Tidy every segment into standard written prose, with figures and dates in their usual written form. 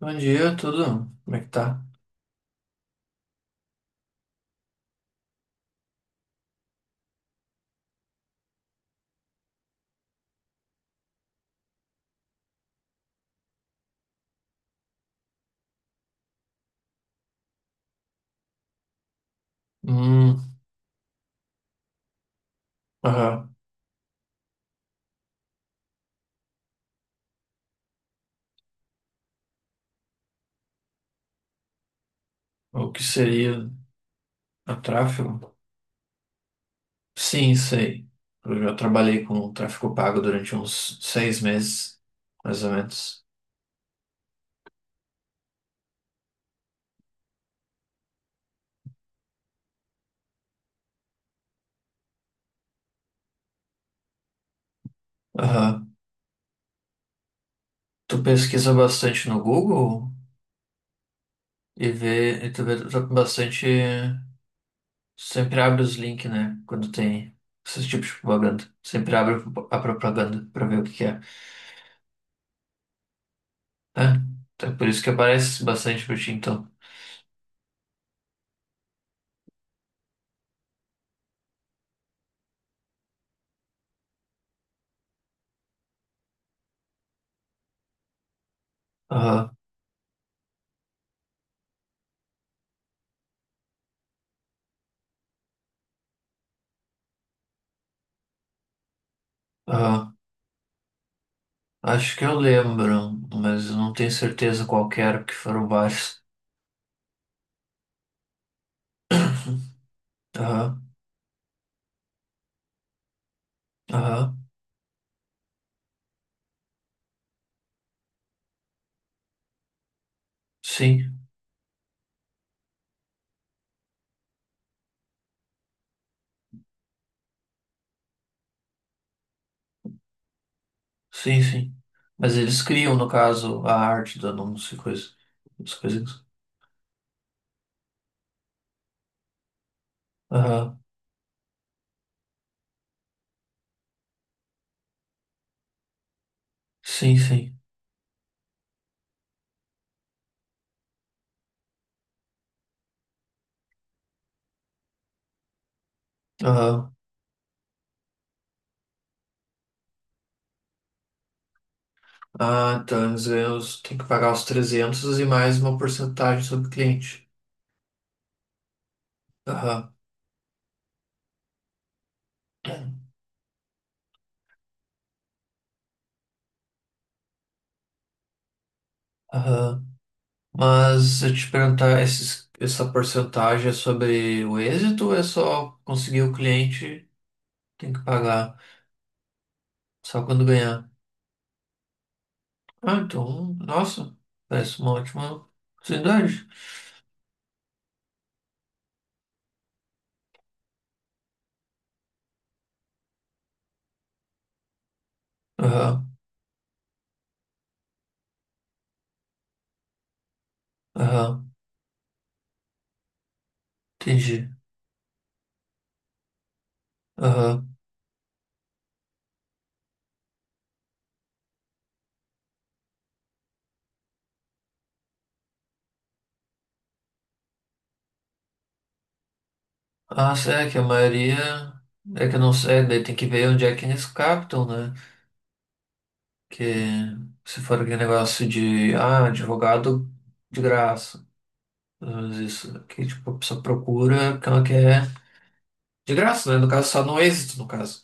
Bom dia, tudo? Como é que tá? Hum, aham. O que seria a tráfego? Sim, sei. Eu já trabalhei com tráfego pago durante uns 6 meses, mais ou menos. Aham. Tu pesquisa bastante no Google e tu tá com bastante. Sempre abre os links, né? Quando tem esses tipos de propaganda. Sempre abre a propaganda pra ver o que que é. É, então é por isso que aparece bastante pra ti, então. Aham, aham. Acho que eu lembro, mas eu não tenho certeza qual que era, porque foram vários. Aham, aham, sim, sim, sim. Mas eles criam, no caso, a arte do anúncio e coisa, as coisas. Aham, sim, sim. Aham. Ah, então eles ganham, tem que pagar os 300 e mais uma porcentagem sobre o cliente. Aham, aham. Mas eu te perguntar, essa porcentagem é sobre o êxito ou é só conseguir o cliente, tem que pagar só quando ganhar? Ah, então, nossa, parece uma ótima oportunidade. Aham, aham, entendi. Aham. Ah, sim, é que a maioria. É que eu não sei, daí tem que ver onde é que eles captam, né? Que se for aquele negócio de, advogado de graça. Mas isso que tipo, a pessoa procura o que ela quer de graça, né? No caso, só no êxito, no caso.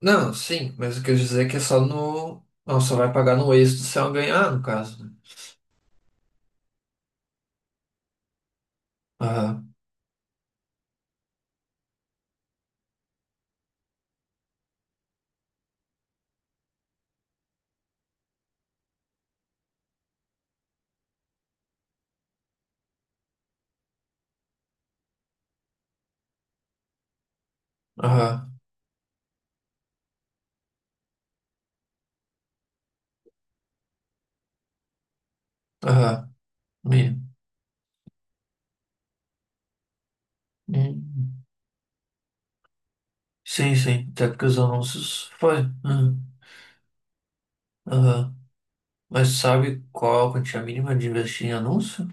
Não, sim, mas o que eu quis dizer é que é só no. Não, só vai pagar no êxito se ela ganhar, no caso, né? Aham, aham, aham. Me- Hum. Sim, sim, até porque os anúncios foi. Hum. Aham. Mas sabe qual a quantia mínima de investir em anúncio?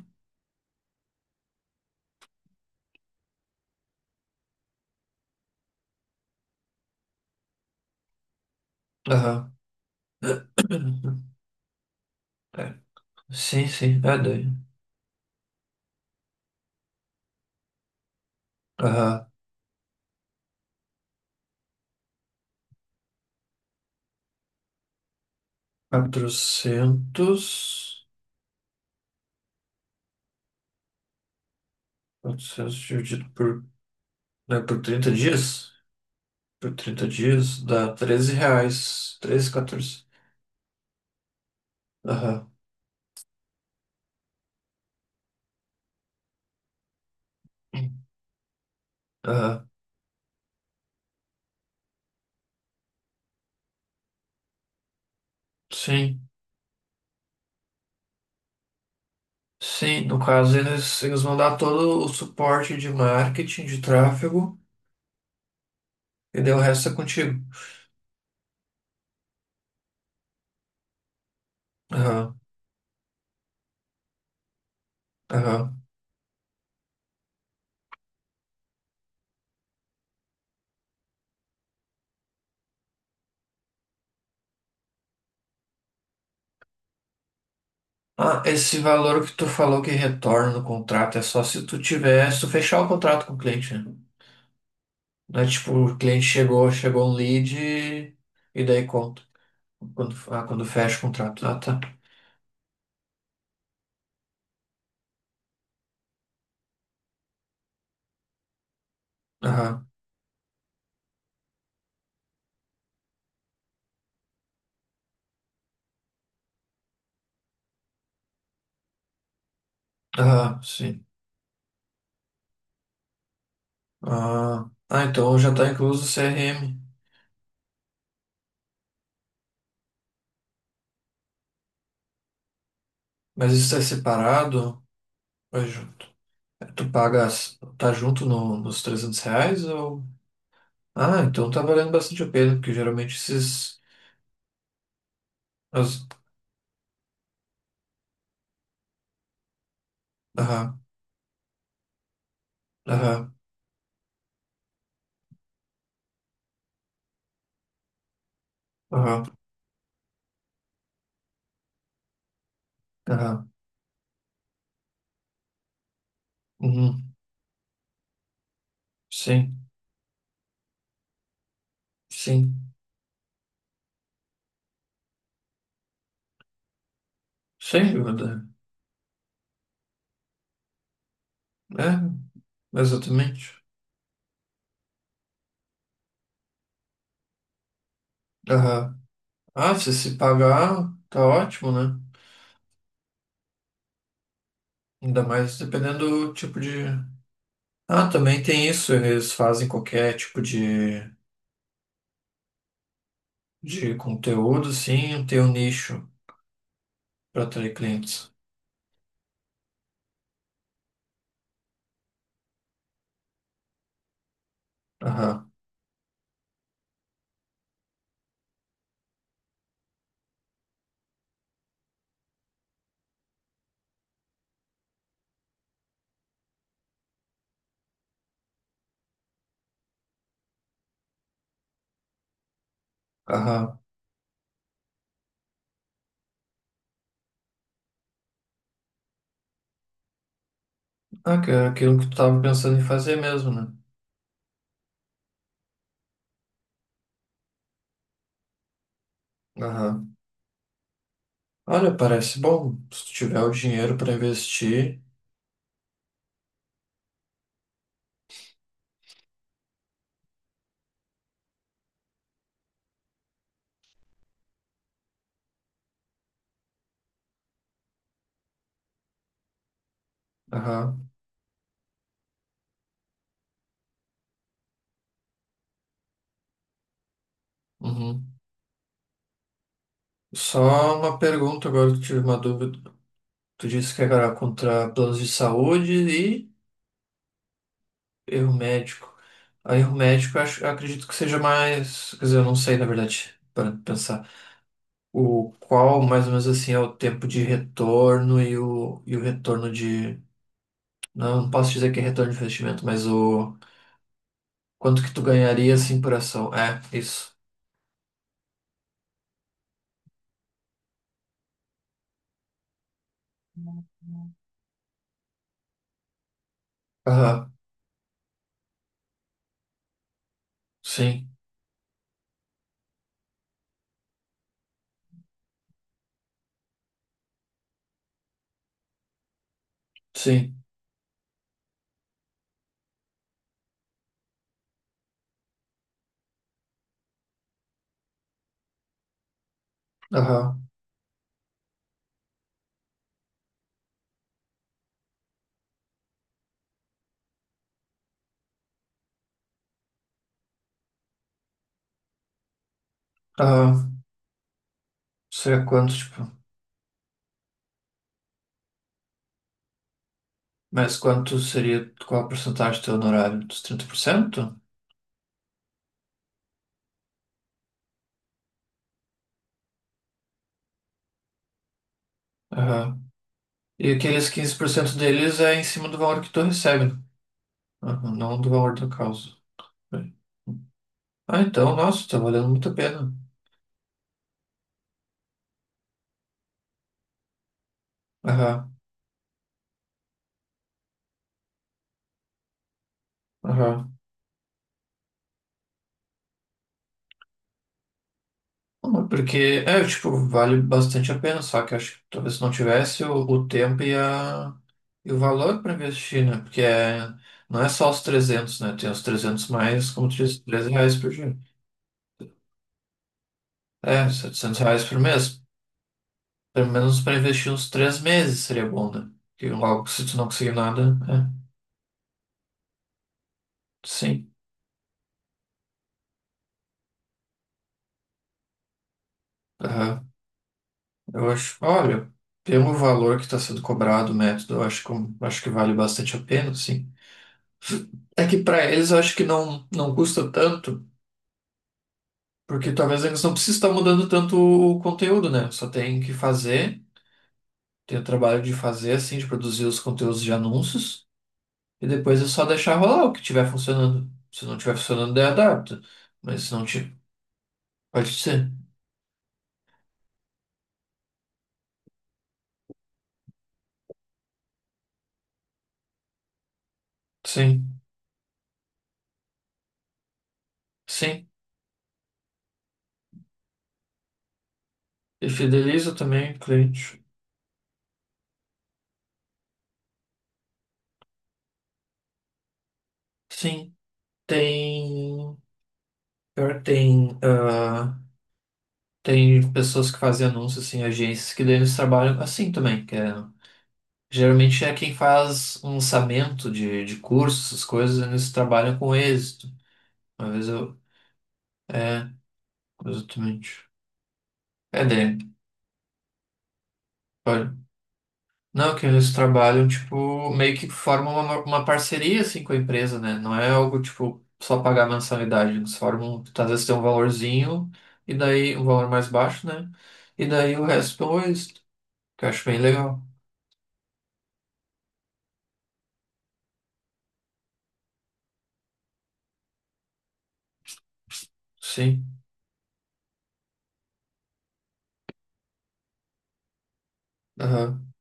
Aham. É. Sim, sim, é doido. Aham. 400 400 dividido por, né, por 30 dias? Por 30 dias dá R$ 13. Treze 14. Aham. Aham. Sim. Sim, no caso eles vão dar todo o suporte de marketing, de tráfego, e daí o resto é contigo. Aham, aham. Ah, esse valor que tu falou que retorna no contrato é só se tu fechar o contrato com o cliente, né? Não é tipo, o cliente chegou, chegou um lead e daí conta. Quando fecha o contrato. Ah, tá. Aham, aham, sim. Ah, ah, então já tá incluso o CRM. Mas isso é separado ou é junto? Tu pagas, tá junto nos R$ 300 ou. Ah, então tá valendo bastante a pena, porque geralmente esses. as- Aham, aham, aham. Tá. Uhum. Sim, sim. Sem dúvida. É, exatamente. Aham. Ah, se pagar, tá ótimo, né? Ainda mais dependendo do tipo de. Ah, também tem isso. Eles fazem qualquer tipo de conteúdo, sim, tem um nicho para atrair clientes. Aham. Aham. Ah, que é aquilo que tu tava pensando em fazer mesmo, né? Aham. Olha, parece bom. Se tu tiver o dinheiro para investir. Aham. Uhum. Só uma pergunta agora que eu tive uma dúvida. Tu disse que era contra planos de saúde e erro médico. Aí erro médico eu acho, eu acredito que seja mais, quer dizer, eu não sei na verdade, para pensar. O qual mais ou menos assim é o tempo de retorno e o retorno de, não, não posso dizer que é retorno de investimento, mas o quanto que tu ganharia assim por ação. É, isso. Aham. Sim, sim. Aham. Aham. Seria quanto, tipo? Mas quanto seria, qual a porcentagem do teu honorário? Dos 30%? Aham. E aqueles 15% deles é em cima do valor que tu recebe, né? Aham, não do valor da causa. Ah, então, nossa, tá valendo muito a pena. Aham, aham. Não, porque, é, tipo, vale bastante a pena, só que acho que talvez se não tivesse o tempo e o valor para investir, né? Porque é, não é só os 300 né? Tem os 300 mais, como tu disse, R$ 13 por dia. É, R$ 700 por mês. Pelo menos para investir uns 3 meses seria bom, né? Que logo, se tu não conseguir nada, é. Sim. Aham. Eu acho. Olha, pelo valor que está sendo cobrado o método, acho que vale bastante a pena, sim. É que para eles eu acho que não, não custa tanto, porque talvez eles não precisem estar mudando tanto o conteúdo, né? Só tem que fazer, tem o trabalho de fazer, assim, de produzir os conteúdos de anúncios, e depois é só deixar rolar o que tiver funcionando. Se não tiver funcionando, daí adapta. Mas se não tiver, pode ser. Sim, sim. E fideliza também o cliente. Sim, tem. Pior que tem. Tem pessoas que fazem anúncios, assim, agências que daí eles trabalham assim também, que é. Geralmente é quem faz um lançamento de cursos, essas coisas, eles trabalham com êxito. Às vezes eu. É, exatamente. É, daí. Não, que eles trabalham, tipo, meio que formam uma parceria, assim, com a empresa, né? Não é algo, tipo, só pagar mensalidade. Eles formam, às vezes tem um valorzinho, e daí, um valor mais baixo, né? E daí o resto depois, que eu acho bem legal. Sim. Aham.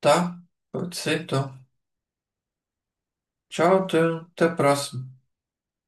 Tá? Pode ser, então. Tchau, até a próxima.